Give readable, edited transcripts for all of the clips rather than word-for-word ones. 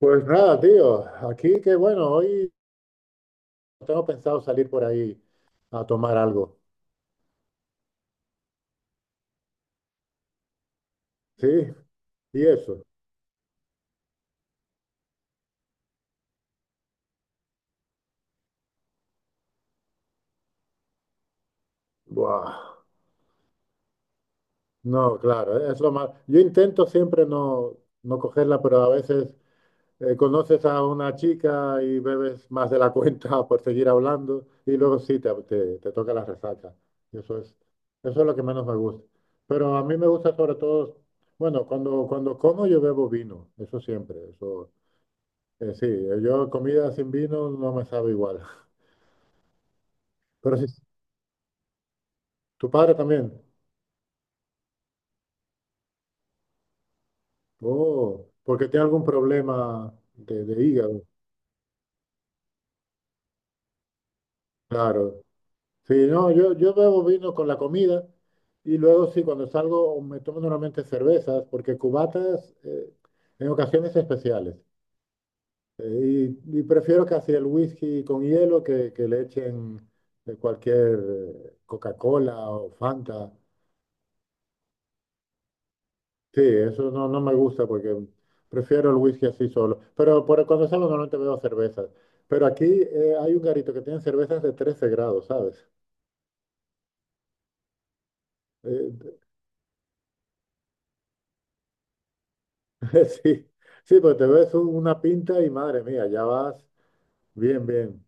Pues nada, tío, aquí que bueno, hoy tengo pensado salir por ahí a tomar algo. ¿Sí? Y eso, buah, no, claro, es lo más. Yo intento siempre no cogerla, pero a veces conoces a una chica y bebes más de la cuenta por seguir hablando y luego sí te toca la resaca. Y Eso es, eso es lo que menos me gusta. Pero a mí me gusta sobre todo, bueno, cuando como yo bebo vino, eso siempre, eso. Sí, yo comida sin vino no me sabe igual. Pero sí, tu padre también. Oh, porque tiene algún problema de hígado. Claro. Sí, no, yo bebo vino con la comida y luego sí, cuando salgo me tomo normalmente cervezas, porque cubatas en ocasiones especiales. Y prefiero casi el whisky con hielo que le echen cualquier Coca-Cola o Fanta. Sí, eso no, no me gusta porque prefiero el whisky así solo. Pero por, cuando salgo normalmente veo cervezas. Pero aquí hay un garito que tiene cervezas de 13 grados, ¿sabes? Eh, sí, sí, pues te ves una pinta y madre mía, ya vas bien, bien.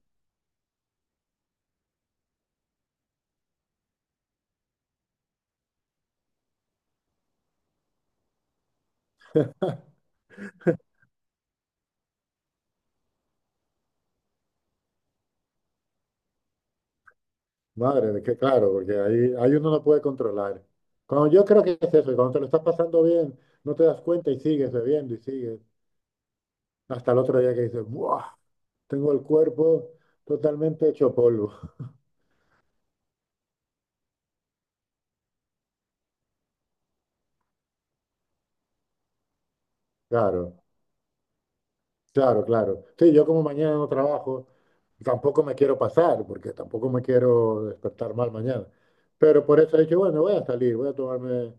Madre, de que claro, porque ahí uno no puede controlar. Cuando yo creo que es eso, y cuando te lo estás pasando bien, no te das cuenta y sigues bebiendo y sigues. Hasta el otro día que dices, ¡buah! Tengo el cuerpo totalmente hecho polvo. Claro. Claro, claro. Sí, yo como mañana no trabajo, tampoco me quiero pasar, porque tampoco me quiero despertar mal mañana. Pero por eso he dicho, bueno, voy a salir, voy a tomarme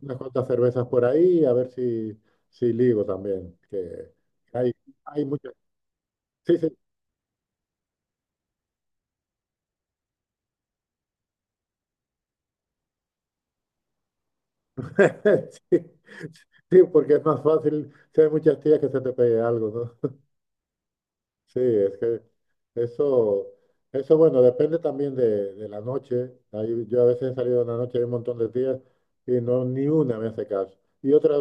unas cuantas cervezas por ahí, a ver si, si ligo también, que hay, hay muchas... Sí, sí. sí, sí, porque es más fácil si hay muchas tías que se te pegue algo, ¿no? Sí, es que eso, eso bueno, depende también de la noche. Ahí yo a veces he salido en la noche hay un montón de días y no ni una me hace caso. Y otras,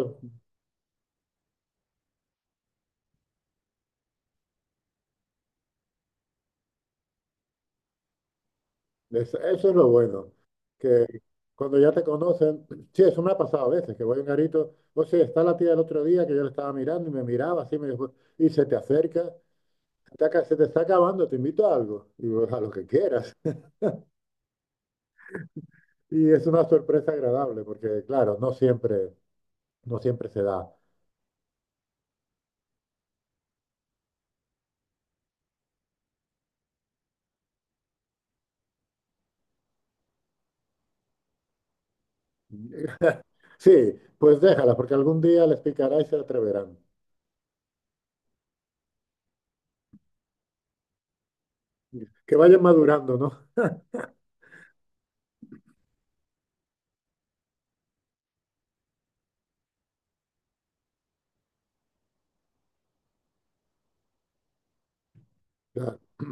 eso es lo bueno, que cuando ya te conocen, sí, eso me ha pasado a veces, que voy a un garito, o sea, está la tía del otro día que yo le estaba mirando y me miraba así, me dijo, y se te acerca, se te está acabando, te invito a algo", y yo, "a lo que quieras". Y es una sorpresa agradable, porque claro, no siempre, no siempre se da. Sí, pues déjala, porque algún día les picará y se atreverán. Que vayan madurando, ¿no? Ya,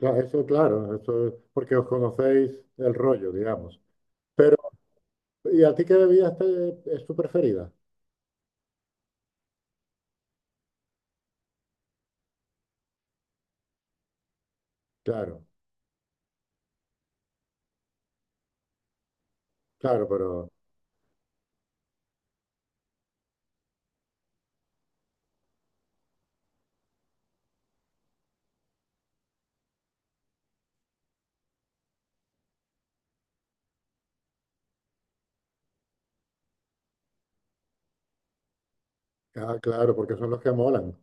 ya. Eso, claro, eso es porque os conocéis el rollo, digamos. Pero, ¿y a ti qué es tu preferida? Claro, claro, pero, ah, claro, porque son los que molan.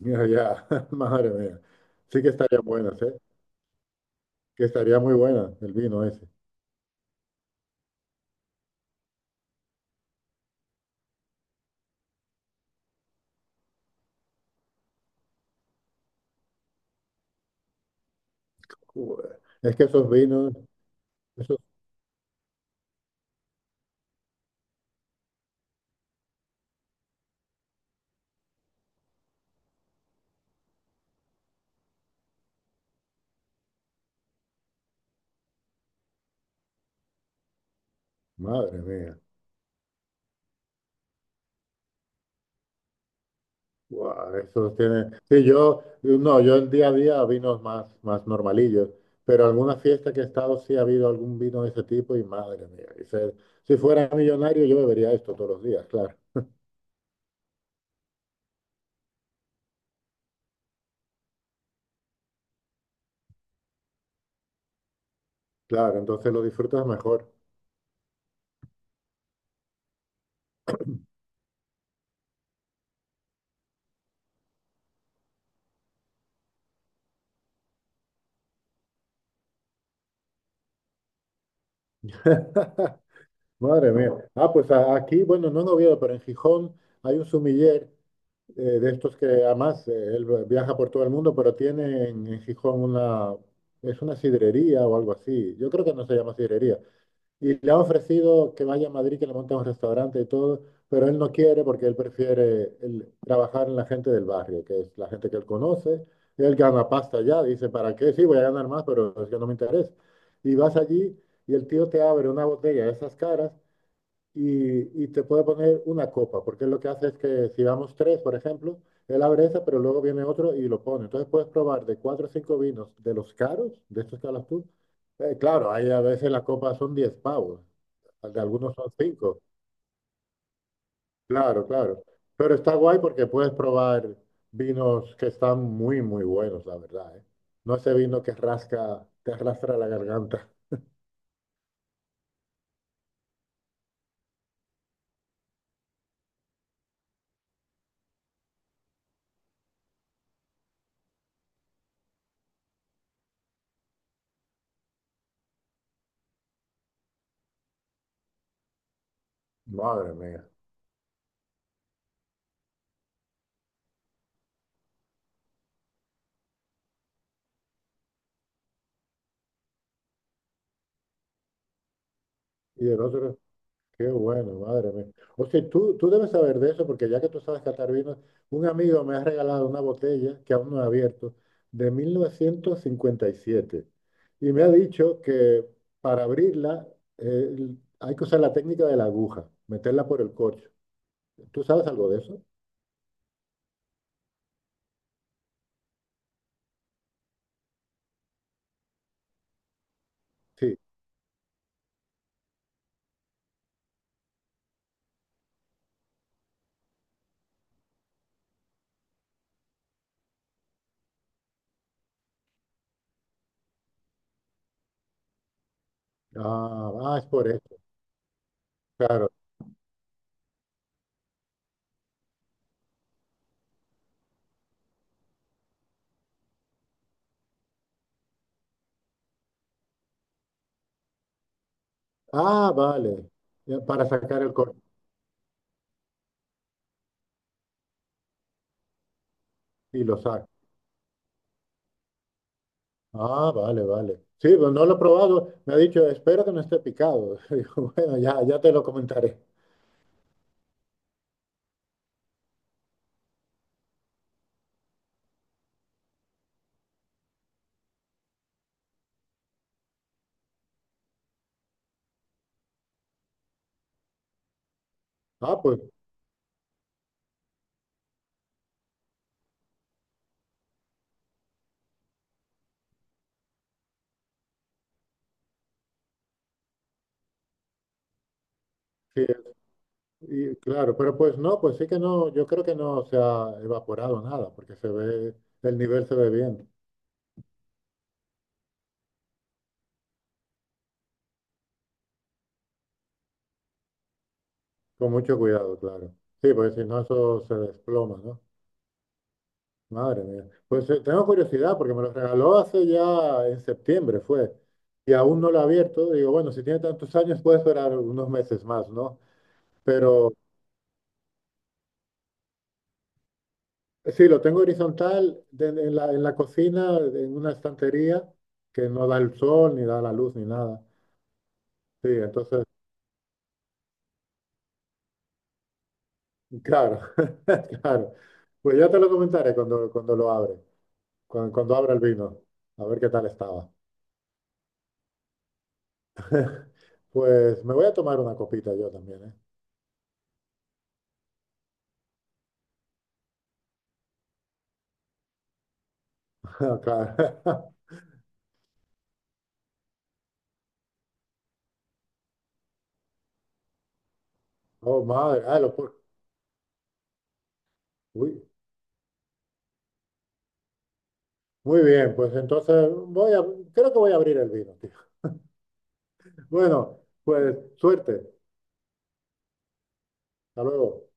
Ya, ya, madre mía. Sí que estarían buenas, ¿eh? Que estaría muy buena el vino ese. Joder, es que esos vinos, esos, madre mía. Guau, esos tienen. Sí, yo, no, yo el día a día vinos más, más normalillos, pero alguna fiesta que he estado sí ha habido algún vino de ese tipo y madre mía, si fuera millonario yo bebería esto todos los días, claro, claro, entonces lo disfrutas mejor. Madre mía. Ah, pues aquí, bueno, no en Oviedo, pero en Gijón hay un sumiller de estos que además él viaja por todo el mundo, pero tiene en Gijón una, es una sidrería o algo así. Yo creo que no se llama sidrería. Y le ha ofrecido que vaya a Madrid, que le monte un restaurante y todo, pero él no quiere porque él prefiere trabajar en la gente del barrio, que es la gente que él conoce. Él gana pasta ya, dice, ¿para qué? Sí, voy a ganar más, pero es que no me interesa. Y vas allí y el tío te abre una botella de esas caras y te puede poner una copa, porque lo que hace es que si vamos tres, por ejemplo, él abre esa, pero luego viene otro y lo pone. Entonces puedes probar de cuatro o cinco vinos de los caros, de estos que hablas tú. Claro, ahí a veces la copa son 10 pavos, de algunos son cinco, claro, claro. Pero está guay porque puedes probar vinos que están muy, muy buenos, la verdad, ¿eh? No ese vino que rasca, te arrastra la garganta. Madre mía. Y el otro, qué bueno, madre mía. O sea, tú debes saber de eso, porque ya que tú sabes catar vinos, un amigo me ha regalado una botella que aún no he abierto, de 1957. Y siete. Y me ha dicho que para abrirla eh, hay que usar la técnica de la aguja, meterla por el corcho. ¿Tú sabes algo de eso? Sí. Ah, ah, es por eso, claro. Ah, vale. Ya, para sacar el corcho. Y lo saco. Ah, vale, vale. Sí, pues no lo he probado. Me ha dicho, espero que no esté picado. Digo, bueno, ya, ya te lo comentaré. Ah, pues sí, y claro, pero pues no, pues sí que no, yo creo que no se ha evaporado nada, porque se ve, el nivel se ve bien, con mucho cuidado, claro. Sí, pues si no eso se desploma, ¿no? Madre mía. Pues tengo curiosidad, porque me lo regaló hace ya en septiembre, fue, y aún no lo he abierto. Digo, bueno, si tiene tantos años puede esperar unos meses más, ¿no? Pero sí, lo tengo horizontal en la cocina, en una estantería que no da el sol, ni da la luz, ni nada. Sí, entonces, claro, claro. Pues ya te lo comentaré cuando, cuando lo abre, cuando, cuando abra el vino, a ver qué tal estaba. Pues me voy a tomar una copita yo también, ¿eh? Claro. Oh, madre. Ah, uy. Muy bien, pues entonces voy a, creo que voy a abrir el vino, tío. Bueno, pues suerte. Hasta luego.